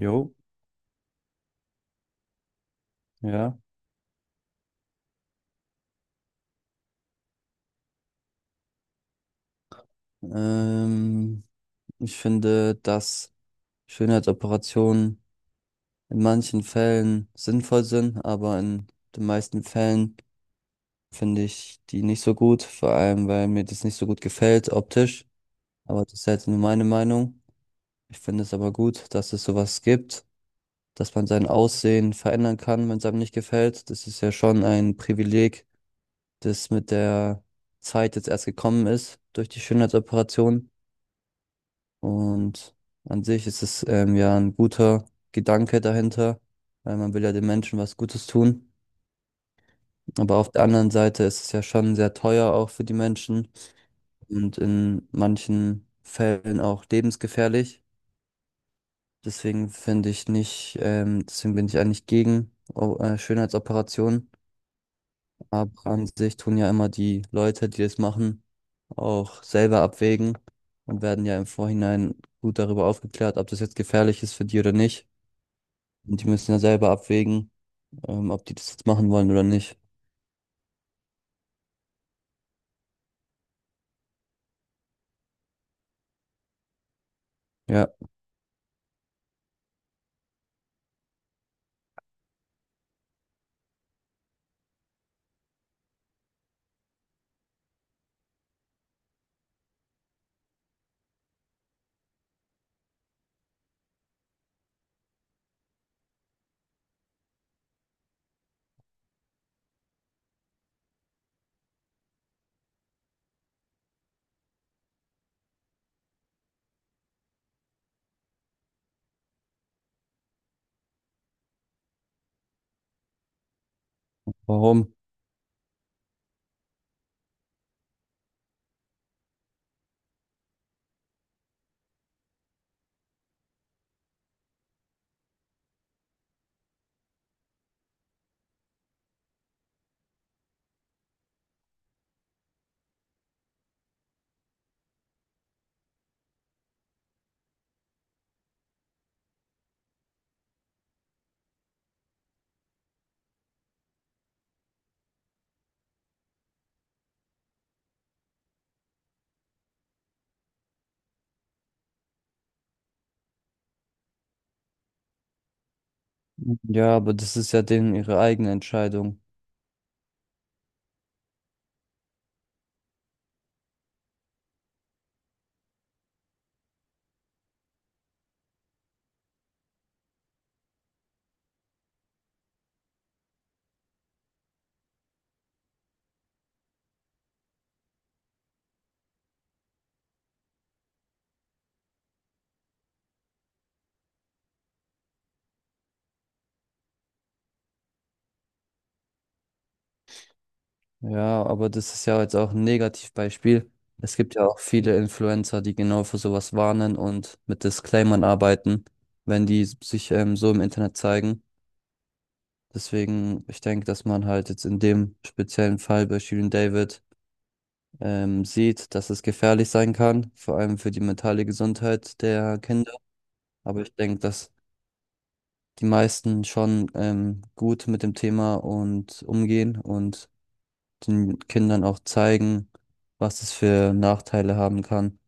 Jo, ja. Ähm, Ich finde, dass Schönheitsoperationen in manchen Fällen sinnvoll sind, aber in den meisten Fällen finde ich die nicht so gut, vor allem weil mir das nicht so gut gefällt optisch. Aber das ist jetzt nur meine Meinung. Ich finde es aber gut, dass es sowas gibt, dass man sein Aussehen verändern kann, wenn es einem nicht gefällt. Das ist ja schon ein Privileg, das mit der Zeit jetzt erst gekommen ist durch die Schönheitsoperation. Und an sich ist es ja ein guter Gedanke dahinter, weil man will ja den Menschen was Gutes tun. Aber auf der anderen Seite ist es ja schon sehr teuer auch für die Menschen und in manchen Fällen auch lebensgefährlich. Deswegen finde ich nicht, deswegen bin ich eigentlich gegen Schönheitsoperationen. Aber an sich tun ja immer die Leute, die das machen, auch selber abwägen und werden ja im Vorhinein gut darüber aufgeklärt, ob das jetzt gefährlich ist für die oder nicht. Und die müssen ja selber abwägen, ob die das jetzt machen wollen oder nicht. Ja, warum? Ja, aber das ist ja denen ihre eigene Entscheidung. Ja, aber das ist ja jetzt auch ein Negativbeispiel. Es gibt ja auch viele Influencer, die genau für sowas warnen und mit Disclaimern arbeiten, wenn die sich so im Internet zeigen. Deswegen, ich denke, dass man halt jetzt in dem speziellen Fall bei Shirin David sieht, dass es gefährlich sein kann, vor allem für die mentale Gesundheit der Kinder. Aber ich denke, dass die meisten schon gut mit dem Thema und umgehen und den Kindern auch zeigen, was es für Nachteile haben kann.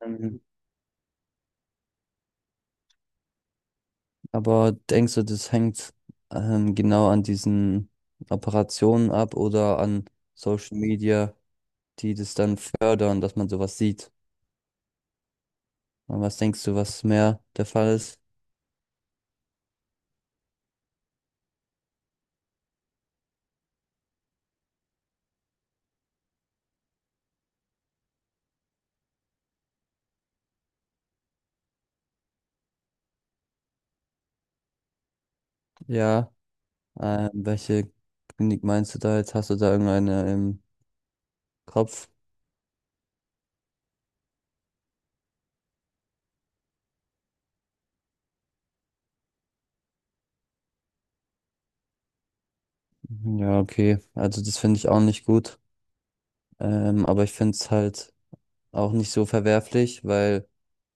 Mhm. Aber denkst du, das hängt genau an diesen Operationen ab oder an Social Media, die das dann fördern, dass man sowas sieht? Und was denkst du, was mehr der Fall ist? Ja, welche Klinik meinst du da jetzt? Hast du da irgendeine im Kopf? Ja, okay. Also das finde ich auch nicht gut. Aber ich finde es halt auch nicht so verwerflich, weil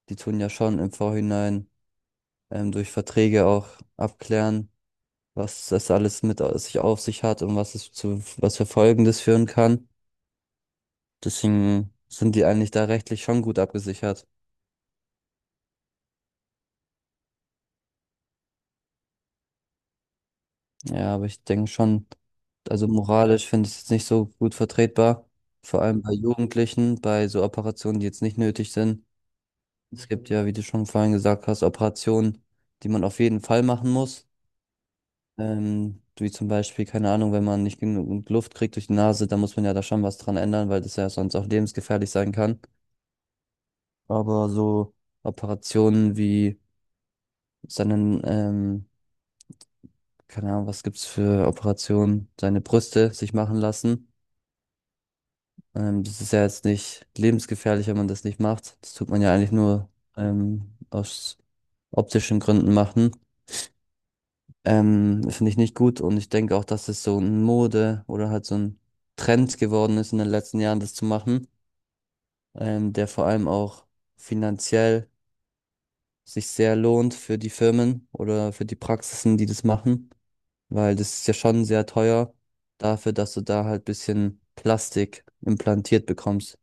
die tun ja schon im Vorhinein durch Verträge auch abklären, was das alles sich auf sich hat und was es zu was für Folgen das führen kann. Deswegen sind die eigentlich da rechtlich schon gut abgesichert. Ja, aber ich denke schon, also moralisch finde ich es jetzt nicht so gut vertretbar. Vor allem bei Jugendlichen, bei so Operationen, die jetzt nicht nötig sind. Es gibt ja, wie du schon vorhin gesagt hast, Operationen, die man auf jeden Fall machen muss. Wie zum Beispiel, keine Ahnung, wenn man nicht genug Luft kriegt durch die Nase, dann muss man ja da schon was dran ändern, weil das ja sonst auch lebensgefährlich sein kann. Aber so Operationen wie seinen, ähm, keine Ahnung, was gibt's für Operationen, seine Brüste sich machen lassen. Das ist ja jetzt nicht lebensgefährlich, wenn man das nicht macht. Das tut man ja eigentlich nur aus optischen Gründen machen. Das finde ich nicht gut und ich denke auch, dass es so ein Mode oder halt so ein Trend geworden ist in den letzten Jahren, das zu machen, der vor allem auch finanziell sich sehr lohnt für die Firmen oder für die Praxisen, die das machen, weil das ist ja schon sehr teuer dafür, dass du da halt bisschen Plastik implantiert bekommst.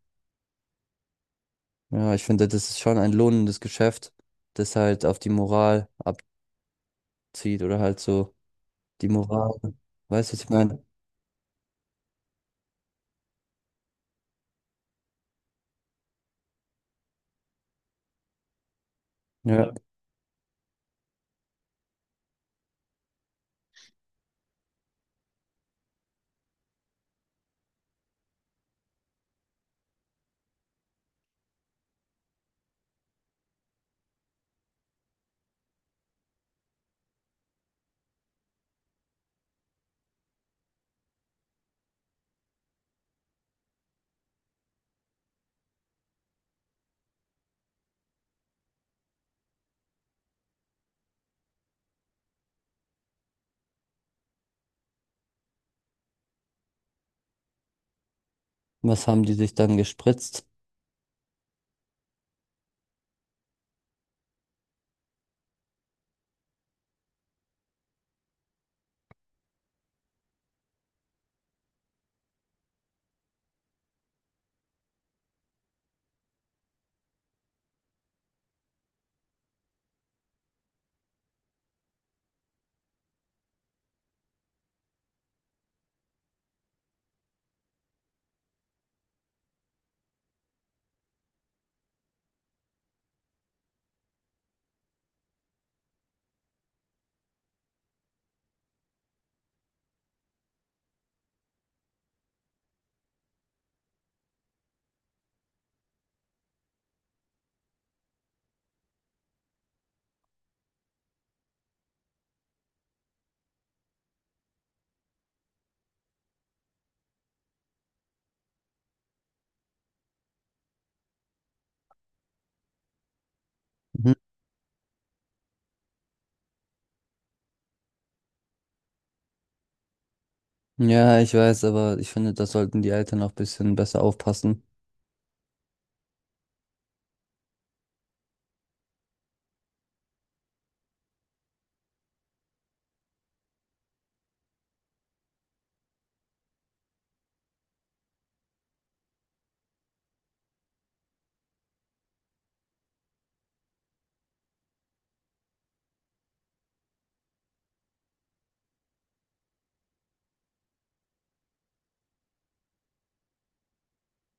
Ja, ich finde, das ist schon ein lohnendes Geschäft, das halt auf die Moral abzieht oder halt so die Moral, weißt du, was ich meine? Ja. Was haben die sich dann gespritzt? Mhm. Ja, ich weiß, aber ich finde, da sollten die Eltern auch ein bisschen besser aufpassen.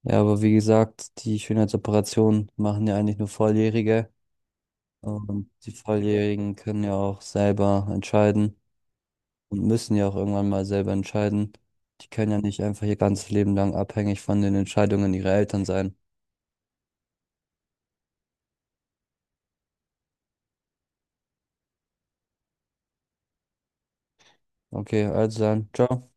Ja, aber wie gesagt, die Schönheitsoperationen machen ja eigentlich nur Volljährige. Und die Volljährigen können ja auch selber entscheiden und müssen ja auch irgendwann mal selber entscheiden. Die können ja nicht einfach ihr ganzes Leben lang abhängig von den Entscheidungen ihrer Eltern sein. Okay, also dann, ciao.